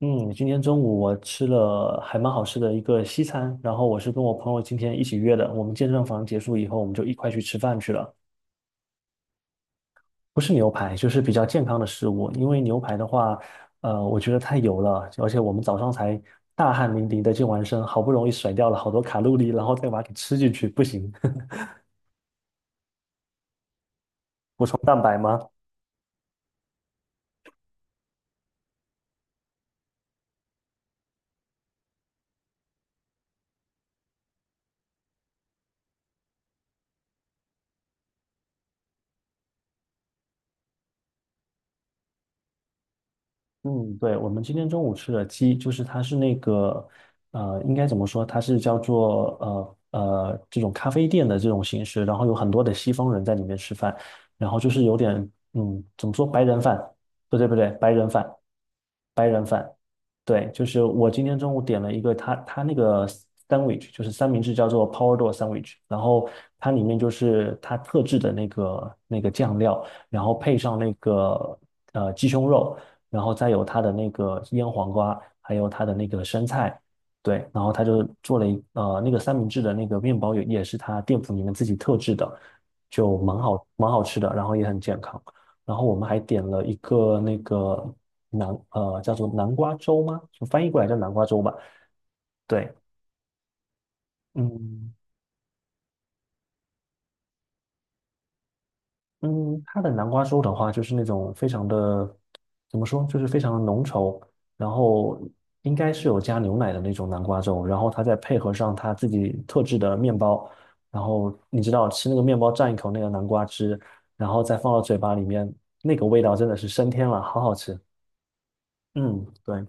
嗯，今天中午我吃了还蛮好吃的一个西餐，然后我是跟我朋友今天一起约的，我们健身房结束以后，我们就一块去吃饭去了。不是牛排，就是比较健康的食物，因为牛排的话，我觉得太油了，而且我们早上才大汗淋漓的健完身，好不容易甩掉了好多卡路里，然后再把它给吃进去，不行。补充蛋白吗？嗯，对，我们今天中午吃的鸡，就是它是那个，应该怎么说？它是叫做这种咖啡店的这种形式，然后有很多的西方人在里面吃饭，然后就是有点，怎么说白人饭？不对不对，白人饭，白人饭。对，就是我今天中午点了一个它那个 sandwich，就是三明治叫做 Powerdo sandwich，然后它里面就是它特制的那个酱料，然后配上那个鸡胸肉。然后再有它的那个腌黄瓜，还有它的那个生菜，对，然后他就做了那个三明治的那个面包也是他店铺里面自己特制的，就蛮好吃的，然后也很健康。然后我们还点了一个那个叫做南瓜粥吗？就翻译过来叫南瓜粥吧。对，嗯，嗯，它的南瓜粥的话，就是那种非常的，怎么说，就是非常的浓稠，然后应该是有加牛奶的那种南瓜粥，然后它再配合上它自己特制的面包，然后你知道吃那个面包蘸一口那个南瓜汁，然后再放到嘴巴里面，那个味道真的是升天了，好好吃。嗯，对，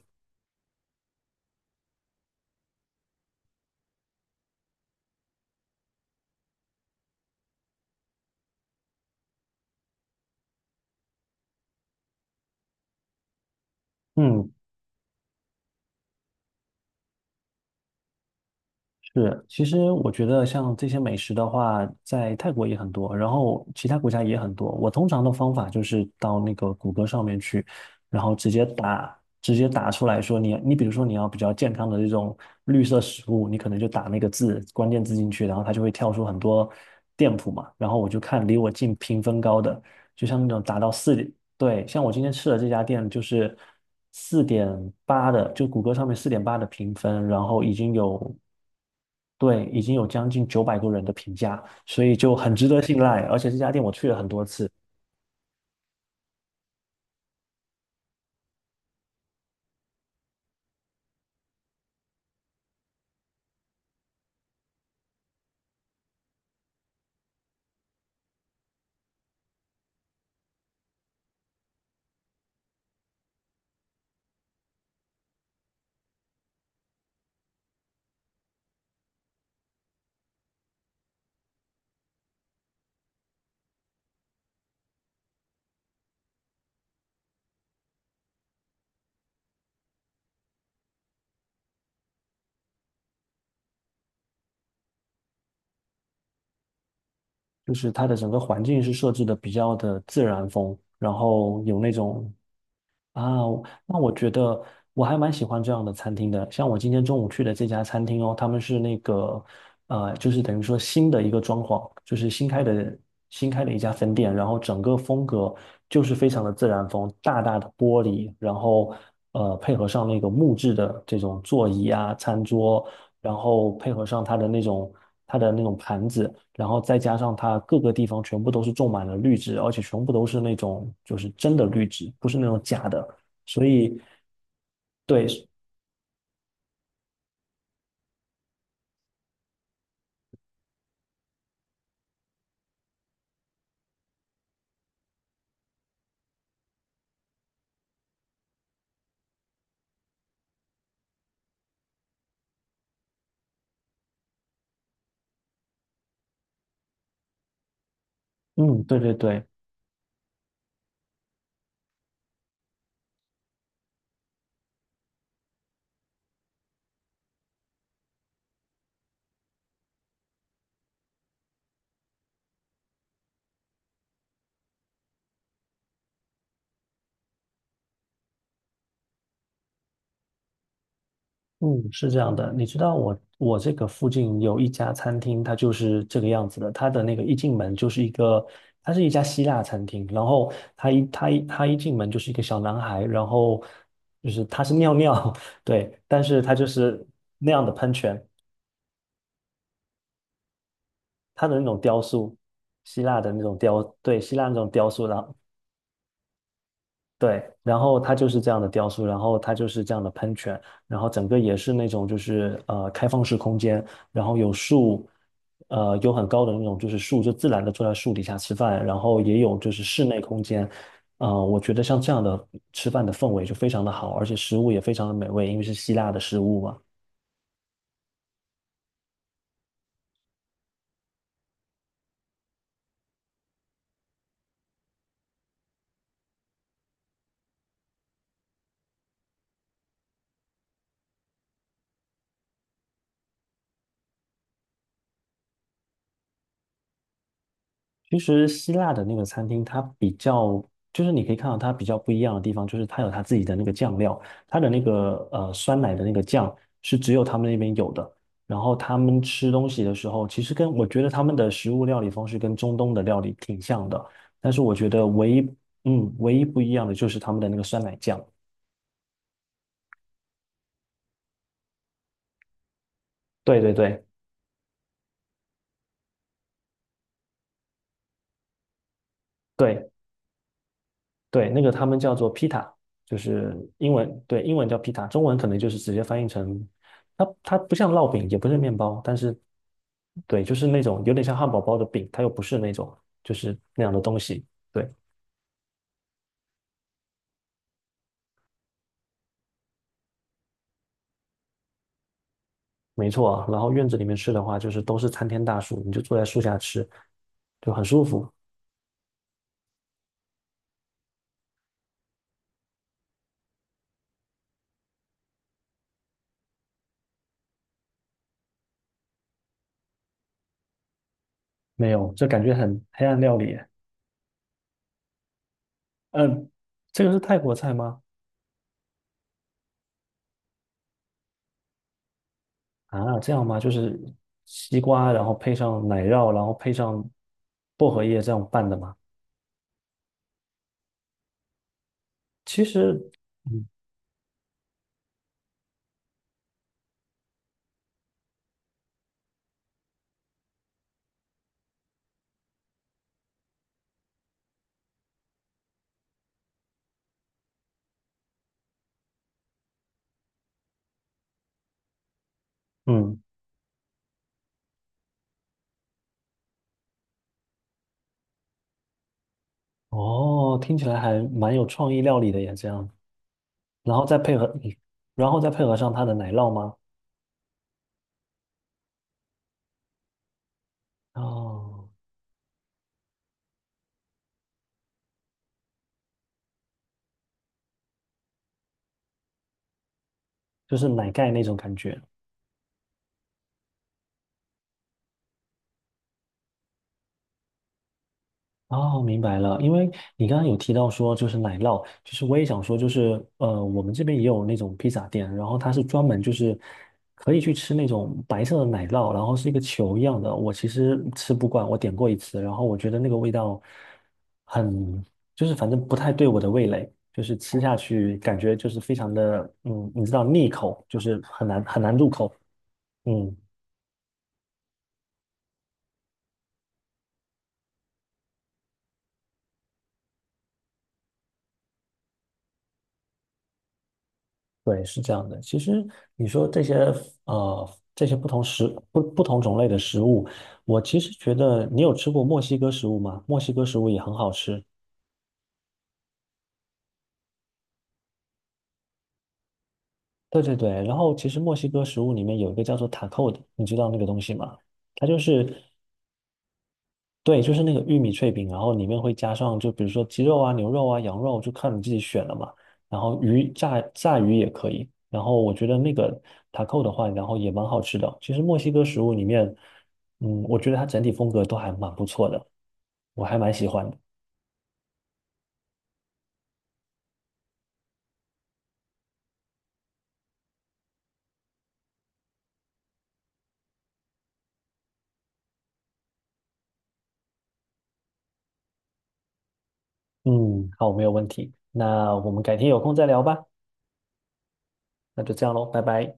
嗯，是，其实我觉得像这些美食的话，在泰国也很多，然后其他国家也很多。我通常的方法就是到那个谷歌上面去，然后直接打出来说你比如说你要比较健康的这种绿色食物，你可能就打那个关键字进去，然后它就会跳出很多店铺嘛。然后我就看离我近评分高的，就像那种达到四。对，像我今天吃的这家店就是四点八的，就谷歌上面四点八的评分，然后已经有，对，已经有将近900多人的评价，所以就很值得信赖。而且这家店我去了很多次，就是它的整个环境是设置的比较的自然风，然后有那种。啊，那我觉得我还蛮喜欢这样的餐厅的。像我今天中午去的这家餐厅哦，他们是那个，就是等于说新的一个装潢，就是新开的一家分店，然后整个风格就是非常的自然风，大大的玻璃，然后配合上那个木质的这种座椅啊、餐桌，然后配合上它的那种盘子，然后再加上它各个地方全部都是种满了绿植，而且全部都是那种就是真的绿植，不是那种假的，所以对，嗯，对对对，嗯，是这样的。你知道我这个附近有一家餐厅，它就是这个样子的，它的那个一进门就是一个，它是一家希腊餐厅，然后它一进门就是一个小男孩，然后就是他是尿尿，对，但是他就是那样的喷泉，他的那种雕塑，希腊的那种，对，希腊那种雕塑，然后对，然后它就是这样的雕塑，然后它就是这样的喷泉，然后整个也是那种就是开放式空间，然后有树，有很高的那种就是树，就自然的坐在树底下吃饭，然后也有就是室内空间，我觉得像这样的吃饭的氛围就非常的好，而且食物也非常的美味，因为是希腊的食物嘛。其实希腊的那个餐厅，它比较就是你可以看到它比较不一样的地方，就是它有它自己的那个酱料，它的那个酸奶的那个酱是只有他们那边有的。然后他们吃东西的时候，其实跟我觉得他们的食物料理方式跟中东的料理挺像的，但是我觉得唯一不一样的就是他们的那个酸奶酱。对对对对。对，那个他们叫做 pita,就是英文，对，英文叫 pita,中文可能就是直接翻译成，它不像烙饼，也不是面包，但是对，就是那种有点像汉堡包的饼，它又不是那种就是那样的东西。对，没错啊。然后院子里面吃的话，就是都是参天大树，你就坐在树下吃，就很舒服。没有，这感觉很黑暗料理耶。嗯，这个是泰国菜吗？啊，这样吗？就是西瓜，然后配上奶酪，然后配上薄荷叶这样拌的吗？其实，嗯嗯，哦，听起来还蛮有创意料理的耶，这样，然后再配合，然后再配合上它的奶酪吗？哦，就是奶盖那种感觉。哦，明白了。因为你刚刚有提到说，就是奶酪，就是我也想说，就是我们这边也有那种披萨店，然后它是专门就是可以去吃那种白色的奶酪，然后是一个球一样的。我其实吃不惯，我点过一次，然后我觉得那个味道很，就是反正不太对我的味蕾，就是吃下去感觉就是非常的，你知道腻口，就是很难很难入口。嗯，对，是这样的。其实你说这些呃这些不同种类的食物，我其实觉得你有吃过墨西哥食物吗？墨西哥食物也很好吃。对对对，然后其实墨西哥食物里面有一个叫做塔扣的，你知道那个东西吗？它就是，对，就是那个玉米脆饼，然后里面会加上就比如说鸡肉啊、牛肉啊、羊肉，就看你自己选了嘛。然后炸鱼也可以。然后我觉得那个塔扣的话，然后也蛮好吃的。其实墨西哥食物里面，我觉得它整体风格都还蛮不错的，我还蛮喜欢的。嗯，好，没有问题。那我们改天有空再聊吧。那就这样喽，拜拜。